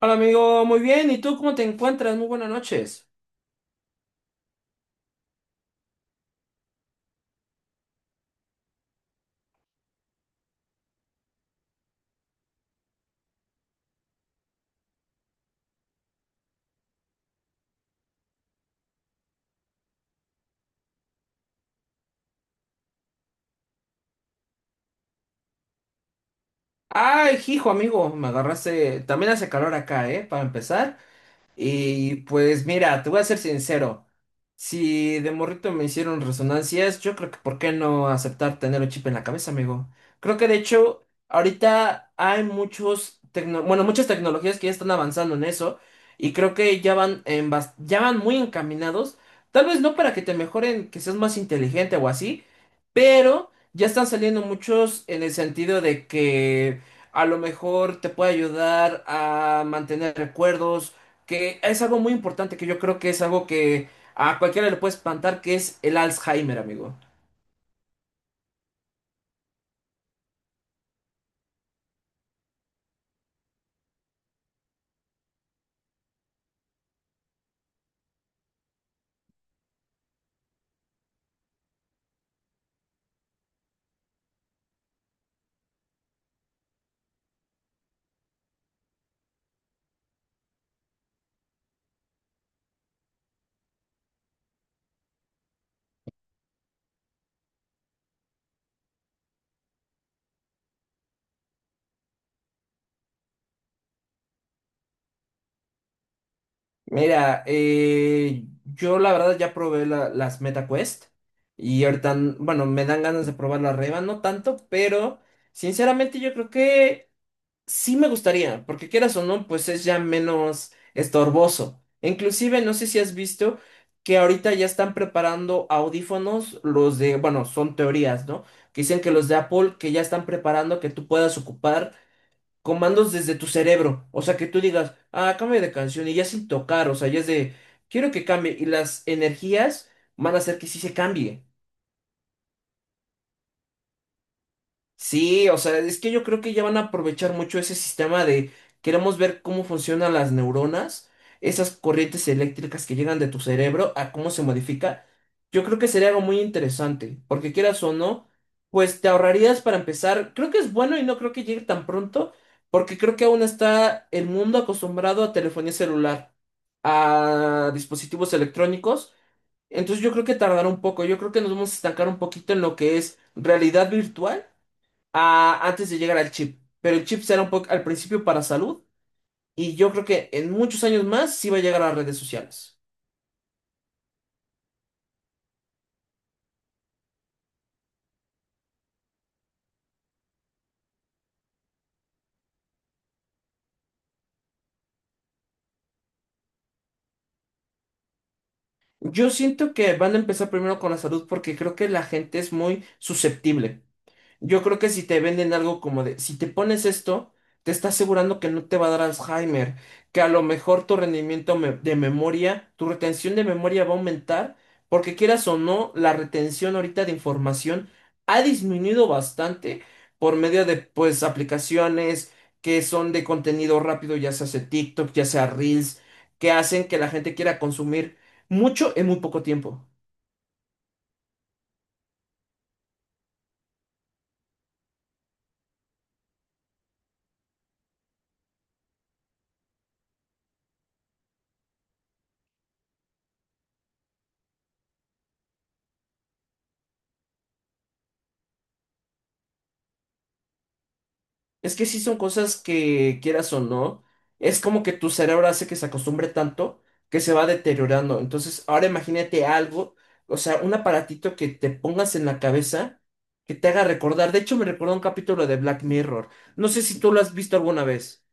Hola amigo, muy bien. ¿Y tú cómo te encuentras? Muy buenas noches. Ay, hijo amigo, me agarraste. También hace calor acá, ¿eh? Para empezar. Y pues mira, te voy a ser sincero. Si de morrito me hicieron resonancias, yo creo que ¿por qué no aceptar tener un chip en la cabeza, amigo? Creo que de hecho, ahorita hay muchos bueno, muchas tecnologías que ya están avanzando en eso y creo que ya van muy encaminados, tal vez no para que te mejoren, que seas más inteligente o así, pero ya están saliendo muchos en el sentido de que a lo mejor te puede ayudar a mantener recuerdos que es algo muy importante que yo creo que es algo que a cualquiera le puede espantar, que es el Alzheimer, amigo. Mira, yo la verdad ya probé las MetaQuest y ahorita, bueno, me dan ganas de probar la Reba, no tanto, pero sinceramente yo creo que sí me gustaría, porque quieras o no, pues es ya menos estorboso. Inclusive, no sé si has visto que ahorita ya están preparando audífonos, los de, bueno, son teorías, ¿no? Que dicen que los de Apple, que ya están preparando que tú puedas ocupar comandos desde tu cerebro. O sea, que tú digas, ah, cambia de canción y ya sin tocar, o sea, ya es de, quiero que cambie. Y las energías van a hacer que sí se cambie. Sí, o sea, es que yo creo que ya van a aprovechar mucho ese sistema de queremos ver cómo funcionan las neuronas, esas corrientes eléctricas que llegan de tu cerebro, a cómo se modifica. Yo creo que sería algo muy interesante, porque quieras o no, pues te ahorrarías para empezar. Creo que es bueno y no creo que llegue tan pronto, porque creo que aún está el mundo acostumbrado a telefonía celular, a dispositivos electrónicos. Entonces yo creo que tardará un poco, yo creo que nos vamos a estancar un poquito en lo que es realidad virtual antes de llegar al chip. Pero el chip será un poco al principio para salud y yo creo que en muchos años más sí va a llegar a las redes sociales. Yo siento que van a empezar primero con la salud porque creo que la gente es muy susceptible. Yo creo que si te venden algo como de, si te pones esto, te está asegurando que no te va a dar Alzheimer, que a lo mejor tu rendimiento de memoria, tu retención de memoria va a aumentar, porque quieras o no, la retención ahorita de información ha disminuido bastante por medio de, pues, aplicaciones que son de contenido rápido, ya sea hace TikTok, ya sea Reels, que hacen que la gente quiera consumir mucho en muy poco tiempo. Es que sí son cosas que quieras o no, es como que tu cerebro hace que se acostumbre tanto que se va deteriorando. Entonces, ahora imagínate algo, o sea, un aparatito que te pongas en la cabeza que te haga recordar. De hecho, me recordó un capítulo de Black Mirror. No sé si tú lo has visto alguna vez.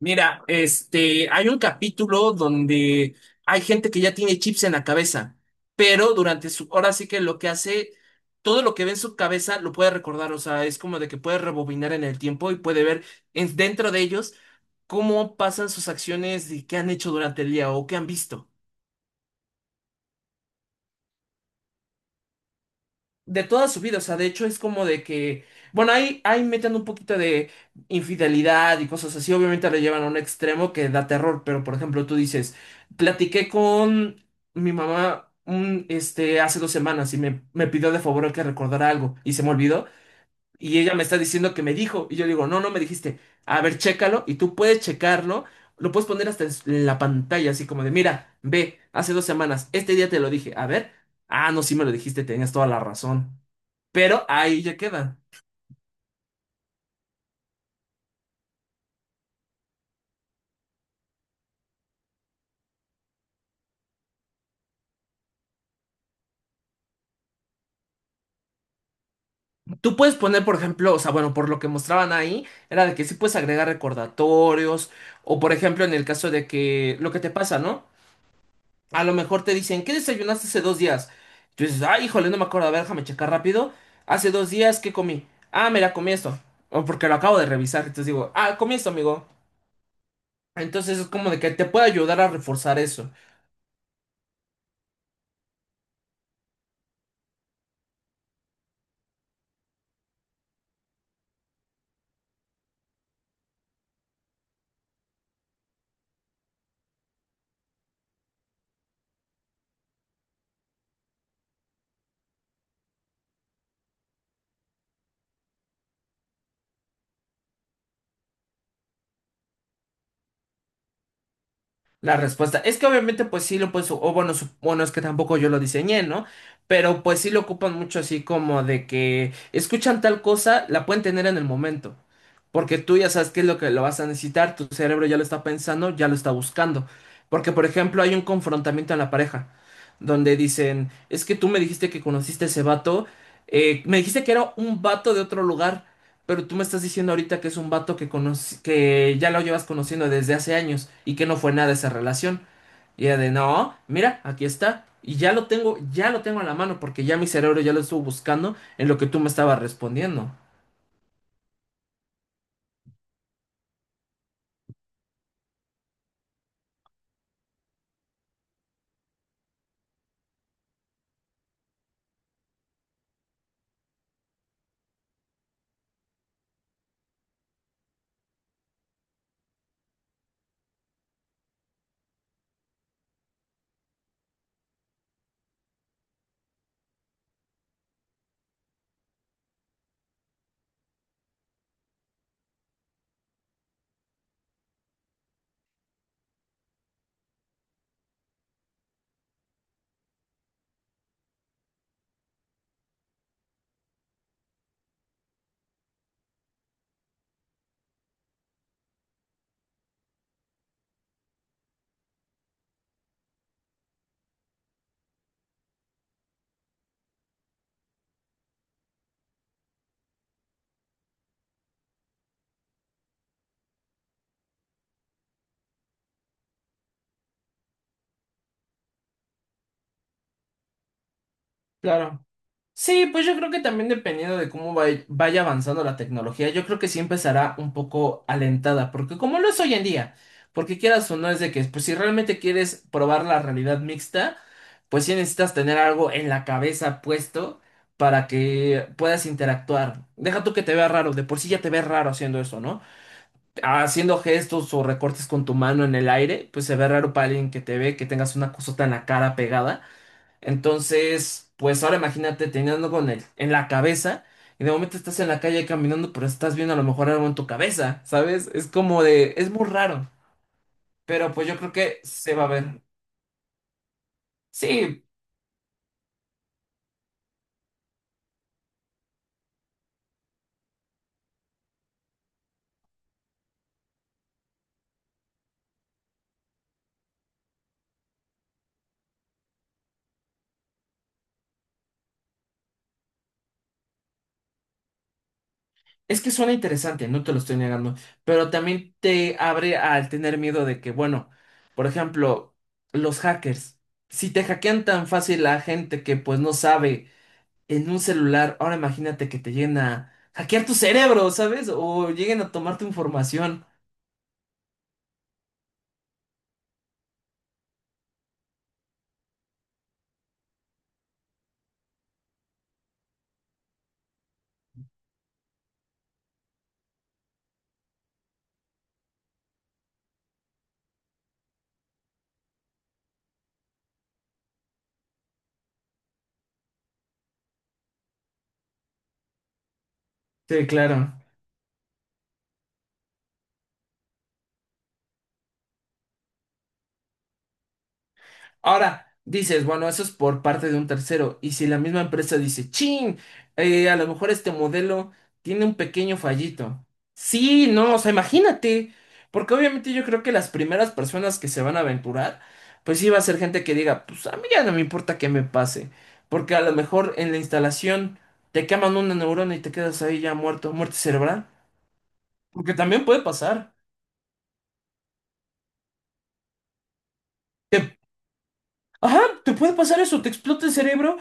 Mira, este, hay un capítulo donde hay gente que ya tiene chips en la cabeza, pero durante su, ahora sí que lo que hace, todo lo que ve en su cabeza lo puede recordar, o sea, es como de que puede rebobinar en el tiempo y puede ver dentro de ellos cómo pasan sus acciones y qué han hecho durante el día o qué han visto. De toda su vida, o sea, de hecho es como de que, bueno, ahí, ahí meten un poquito de infidelidad y cosas así, obviamente lo llevan a un extremo que da terror, pero por ejemplo tú dices, platiqué con mi mamá este, hace 2 semanas y me pidió de favor que recordara algo y se me olvidó y ella me está diciendo que me dijo y yo le digo, no, no me dijiste, a ver, chécalo y tú puedes checarlo. Lo puedes poner hasta en la pantalla, así como de, mira, ve, hace 2 semanas, este día te lo dije, a ver, ah, no, sí me lo dijiste, tenías toda la razón. Pero ahí ya queda. Tú puedes poner, por ejemplo, o sea, bueno, por lo que mostraban ahí, era de que sí puedes agregar recordatorios, o por ejemplo, en el caso de que lo que te pasa, ¿no? A lo mejor te dicen, ¿qué desayunaste hace 2 días? Tú dices, ay, híjole, no me acuerdo, a ver, déjame checar rápido. Hace 2 días, ¿qué comí? Ah, mira, comí esto. O porque lo acabo de revisar, entonces digo, ah, comí esto, amigo. Entonces es como de que te puede ayudar a reforzar eso. La respuesta es que obviamente pues sí lo pues o bueno, bueno es que tampoco yo lo diseñé, ¿no? Pero pues sí lo ocupan mucho así como de que escuchan tal cosa, la pueden tener en el momento, porque tú ya sabes qué es lo que lo vas a necesitar, tu cerebro ya lo está pensando, ya lo está buscando. Porque por ejemplo hay un confrontamiento en la pareja, donde dicen, es que tú me dijiste que conociste a ese vato, me dijiste que era un vato de otro lugar. Pero tú me estás diciendo ahorita que es un vato que ya lo llevas conociendo desde hace años y que no fue nada esa relación. Y era de, no, mira, aquí está. Y ya lo tengo a la mano porque ya mi cerebro ya lo estuvo buscando en lo que tú me estabas respondiendo. Claro. Sí, pues yo creo que también dependiendo de cómo vaya avanzando la tecnología, yo creo que sí empezará un poco alentada, porque como lo es hoy en día, porque quieras o no es de que, pues si realmente quieres probar la realidad mixta, pues sí necesitas tener algo en la cabeza puesto para que puedas interactuar. Deja tú que te vea raro, de por sí ya te ves raro haciendo eso, ¿no? Haciendo gestos o recortes con tu mano en el aire, pues se ve raro para alguien que te ve, que tengas una cosota en la cara pegada. Entonces, pues ahora imagínate teniendo con el en la cabeza y de momento estás en la calle caminando, pero estás viendo a lo mejor algo en tu cabeza, ¿sabes? Es como de, es muy raro, pero pues yo creo que se va a ver. Sí, es que suena interesante, no te lo estoy negando, pero también te abre al tener miedo de que, bueno, por ejemplo, los hackers, si te hackean tan fácil a gente que pues no sabe en un celular, ahora imagínate que te lleguen a hackear tu cerebro, ¿sabes? O lleguen a tomar tu información. Sí, claro. Ahora, dices, bueno, eso es por parte de un tercero. Y si la misma empresa dice, ching, a lo mejor este modelo tiene un pequeño fallito. Sí, no, o sea, imagínate. Porque obviamente yo creo que las primeras personas que se van a aventurar, pues sí va a ser gente que diga, pues a mí ya no me importa qué me pase. Porque a lo mejor en la instalación te queman una neurona y te quedas ahí ya muerto, muerte cerebral. Porque también puede pasar. Te- Ajá, te puede pasar eso, te explota el cerebro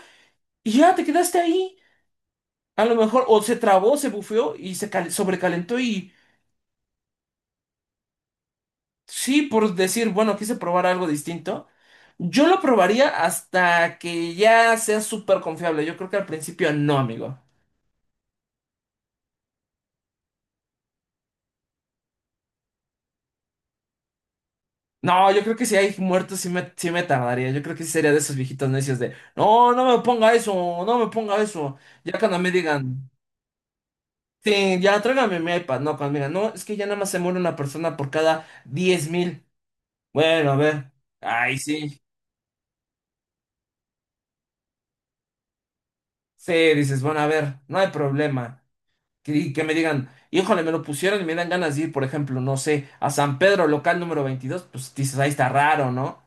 y ya te quedaste ahí. A lo mejor o se trabó, se bufeó y sobrecalentó y sí, por decir, bueno, quise probar algo distinto. Yo lo probaría hasta que ya sea súper confiable. Yo creo que al principio no, amigo. No, yo creo que si hay muertos sí me tardaría. Yo creo que sí sería de esos viejitos necios de, no, no me ponga eso, no me ponga eso. Ya cuando me digan, sí, ya tráigame mi iPad. No, cuando me digan, no, es que ya nada más se muere una persona por cada 10.000. Bueno, a ver. Ay, sí. Sí, dices, bueno, a ver, no hay problema. Que me digan, híjole, me lo pusieron y me dan ganas de ir, por ejemplo, no sé, a San Pedro, local número 22, pues dices, ahí está raro, ¿no?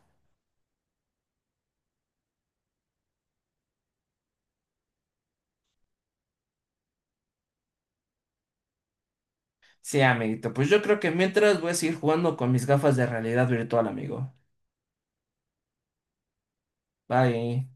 Sí, amiguito, pues yo creo que mientras voy a seguir jugando con mis gafas de realidad virtual, amigo. Bye.